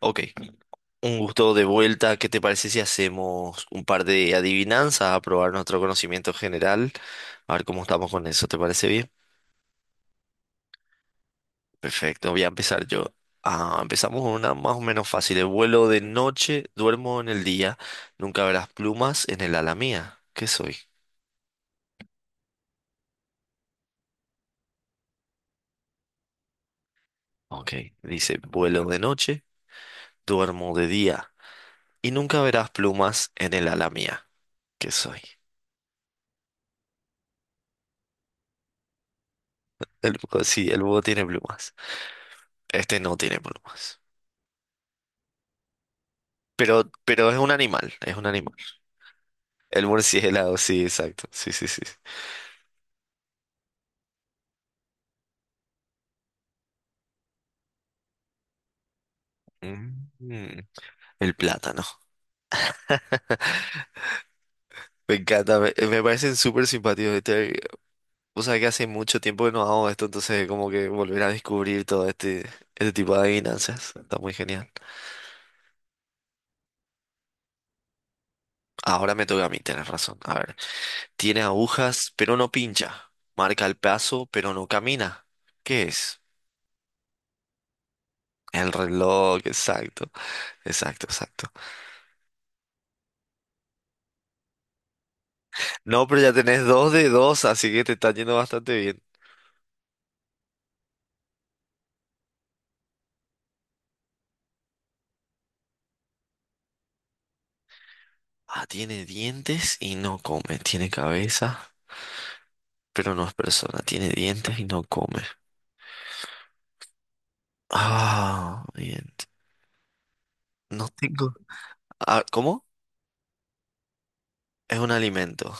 Ok, un gusto de vuelta. ¿Qué te parece si hacemos un par de adivinanzas a probar nuestro conocimiento general? A ver cómo estamos con eso, ¿te parece bien? Perfecto, voy a empezar yo. Ah, empezamos con una más o menos fácil. El vuelo de noche, duermo en el día, nunca verás plumas en el ala mía. ¿Qué soy? Ok, dice, vuelo de noche, duermo de día, y nunca verás plumas en el ala mía. ¿Qué soy? El búho. Sí, el búho tiene plumas. Este no tiene plumas. Pero es un animal, es un animal. El murciélago, sí, exacto. Sí, sí, sí. Mm, el plátano. Me encanta, me parecen súper simpáticos. Este, o sea que hace mucho tiempo que no hago esto, entonces como que volver a descubrir todo este tipo de adivinanzas. Está muy genial. Ahora me toca a mí, tienes razón. A ver, tiene agujas, pero no pincha. Marca el paso, pero no camina. ¿Qué es? El reloj, exacto, exacto, exacto. No, pero ya tenés dos de dos, así que te está yendo bastante bien. Ah, tiene dientes y no come. Tiene cabeza, pero no es persona. Tiene dientes y no come. Ah, bien. No tengo. Ah, ¿cómo? Es un alimento.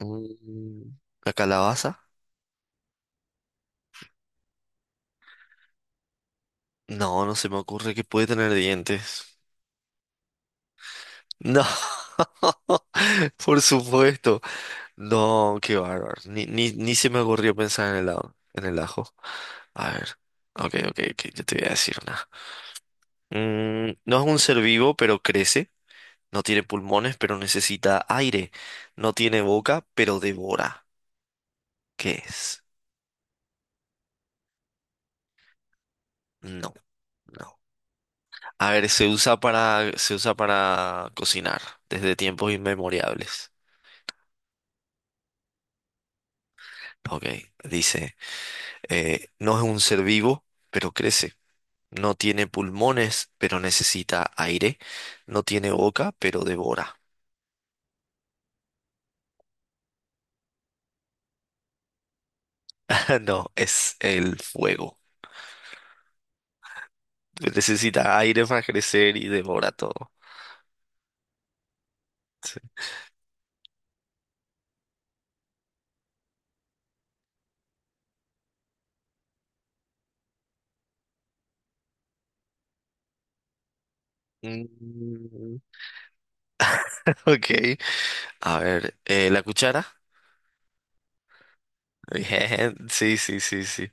Mm, ¿La calabaza? No, no se me ocurre que puede tener dientes. No. Por supuesto. No, qué bárbaro. Ni se me ocurrió pensar en el ajo. En el ajo. A ver. Ok, ok, ok. Yo te voy a decir una. No es un ser vivo, pero crece. No tiene pulmones, pero necesita aire. No tiene boca, pero devora. ¿Qué es? No, no. A ver, se usa para cocinar desde tiempos inmemoriales. Ok, dice, no es un ser vivo, pero crece. No tiene pulmones, pero necesita aire. No tiene boca, pero devora. No, es el fuego. Necesita aire para crecer y devora todo. Sí. Mm, ok. A ver, la cuchara. Bien, sí, sí, sí, sí.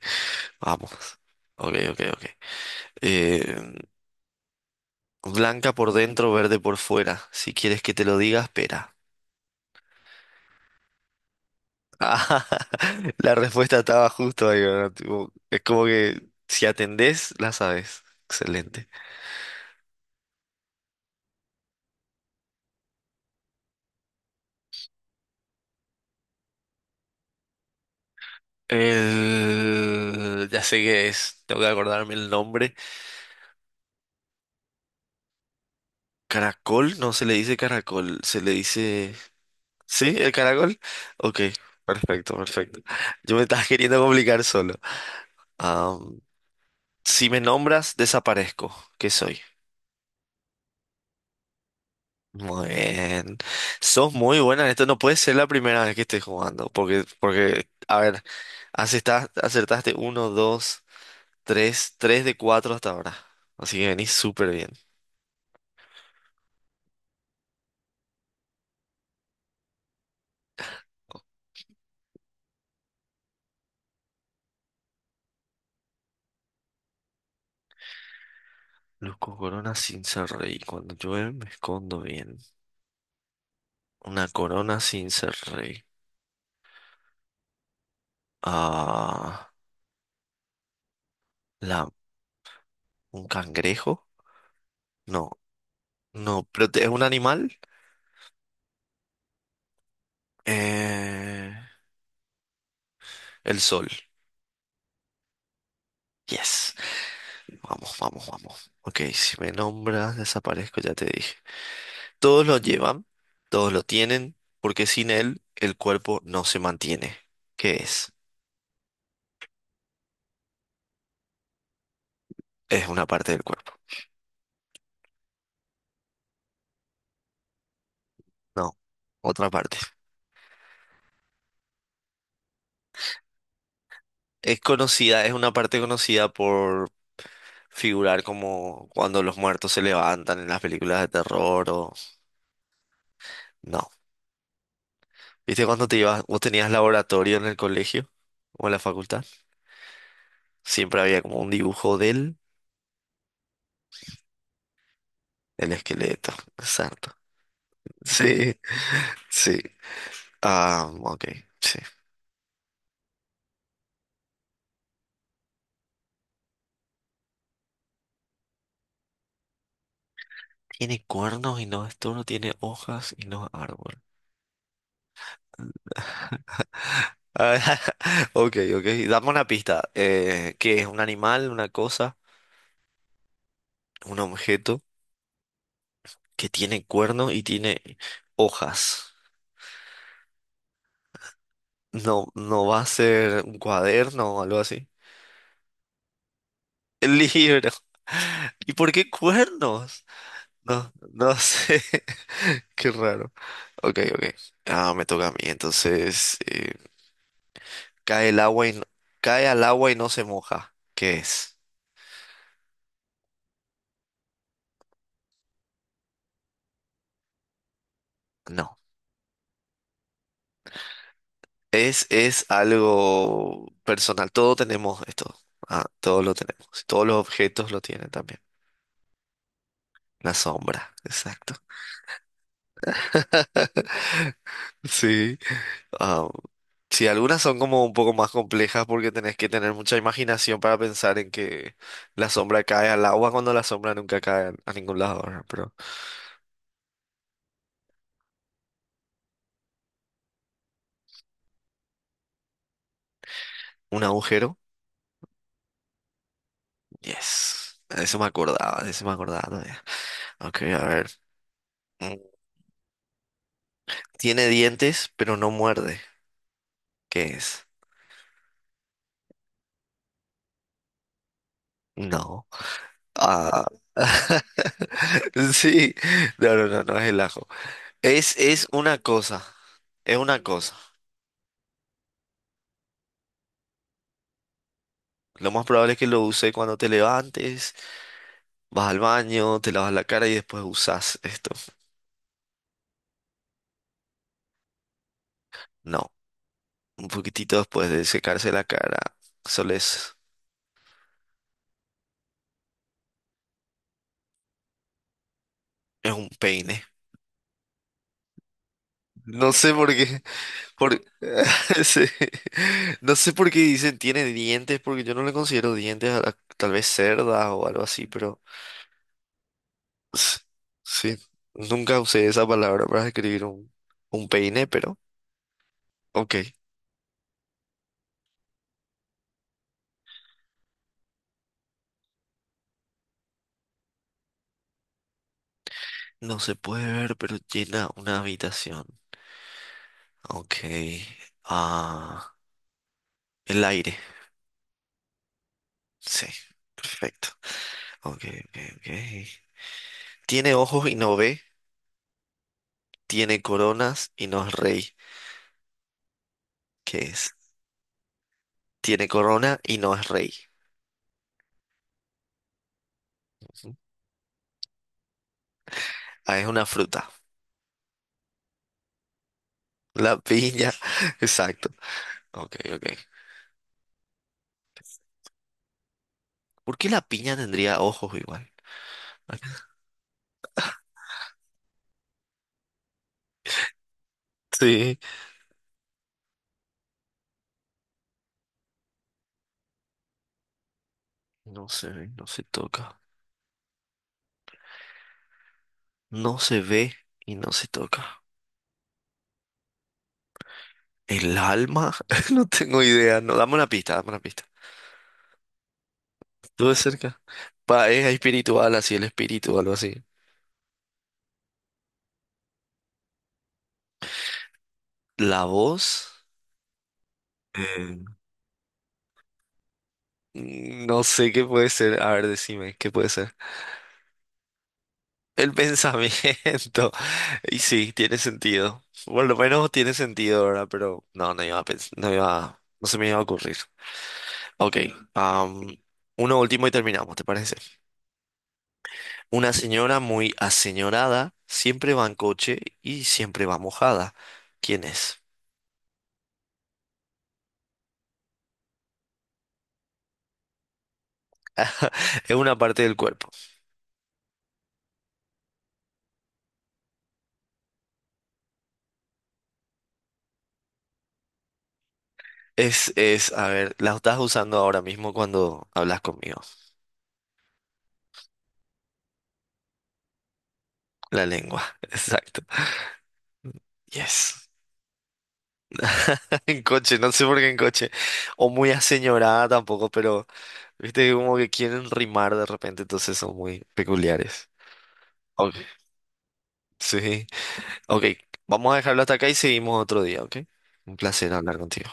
Vamos. Ok, ok, ok. Eh, blanca por dentro, verde por fuera. Si quieres que te lo diga, espera. Ah, la respuesta estaba justo ahí, ¿verdad? Tipo, es como que si atendés, la sabes. Excelente. Ya sé qué es. Tengo que acordarme el nombre. Caracol, no se le dice caracol, se le dice... ¿Sí? ¿El caracol? Ok, perfecto, perfecto. Yo me estás queriendo complicar solo. Am, si me nombras, desaparezco. ¿Qué soy? Muy bien. Sos muy buena en esto. No puede ser la primera vez que estés jugando. Porque, a ver, acertaste uno, dos, tres, de cuatro hasta ahora. Así que venís súper bien. Luz corona sin ser rey. Cuando llueve me escondo bien. Una corona sin ser rey. Ah, la, un cangrejo. No, no, pero es un animal. Eh, el sol. Yes. Vamos, vamos, vamos. Ok, si me nombras, desaparezco, ya te dije. Todos lo llevan, todos lo tienen, porque sin él el cuerpo no se mantiene. ¿Qué es? Es una parte del cuerpo. No, otra parte. Es conocida, es una parte conocida por figurar como cuando los muertos se levantan en las películas de terror o... No. ¿Viste cuando te ibas, vos tenías laboratorio en el colegio o en la facultad? Siempre había como un dibujo de él, el esqueleto. Exacto. Sí, sí. Ah, ok, sí. Tiene cuernos y no es toro, tiene hojas y no es árbol. Ah, ok, ok. Dame una pista. ¿Qué es un animal, una cosa, un objeto que tiene cuernos y tiene hojas? No, no va a ser un cuaderno o algo así. El libro. ¿Y por qué cuernos? No, no sé. Qué raro. Ok, ok. Ah, me toca a mí. Entonces, cae el agua y no- cae al agua y no se moja. ¿Qué es? No. Es algo personal. Todos tenemos esto. Ah, todos lo tenemos. Todos los objetos lo tienen también. La sombra, exacto. Sí. Ah, sí, algunas son como un poco más complejas porque tenés que tener mucha imaginación para pensar en que la sombra cae al agua cuando la sombra nunca cae a ningún lado, ¿verdad? Pero un agujero. Yes. Eso me acordaba, de eso me acordaba todavía. Ok, a ver. Mm, Tiene dientes, pero no muerde. ¿Qué es? No. Ah. Sí. No, no, no, no es el ajo. Es una cosa. Es una cosa. Lo más probable es que lo uses cuando te levantes, vas al baño, te lavas la cara y después usas esto. No. Un poquitito después de secarse la cara. Solo es, Es un peine. No sé por qué. Por... sí. No sé por qué dicen tiene dientes, porque yo no le considero dientes, tal vez cerdas o algo así, pero s- sí, nunca usé esa palabra para escribir un peine, pero ok. No se puede ver, pero llena una habitación. Ok. Ah, el aire. Sí, perfecto. Ok, ok, ok. Tiene ojos y no ve, tiene coronas y no es rey. ¿Qué es? Tiene corona y no es rey. Ah, es una fruta. La piña. Exacto. Ok, ok. ¿Por qué la piña tendría ojos igual? Sí. No se ve, no se toca. No se ve y no se toca. ¿El alma? No tengo idea. No, dame una pista, dame una pista. Estuve cerca. Pa, es espiritual, así el espíritu, o algo así. ¿La voz? Eh, No sé qué puede ser. A ver, decime, ¿qué puede ser? El pensamiento. Y sí, tiene sentido. Por lo menos tiene sentido, ¿verdad? Pero no, no iba, no se me iba a ocurrir. Ok, am, uno último y terminamos, ¿te parece? Una señora muy aseñorada siempre va en coche y siempre va mojada. ¿Quién es? Es una parte del cuerpo. A ver, la estás usando ahora mismo cuando hablas conmigo. La lengua, exacto. Yes. En coche, no sé por qué en coche. O muy aseñorada tampoco, pero viste que como que quieren rimar de repente, entonces son muy peculiares. Ok, sí. Ok, vamos a dejarlo hasta acá y seguimos otro día, ¿ok? Un placer hablar contigo.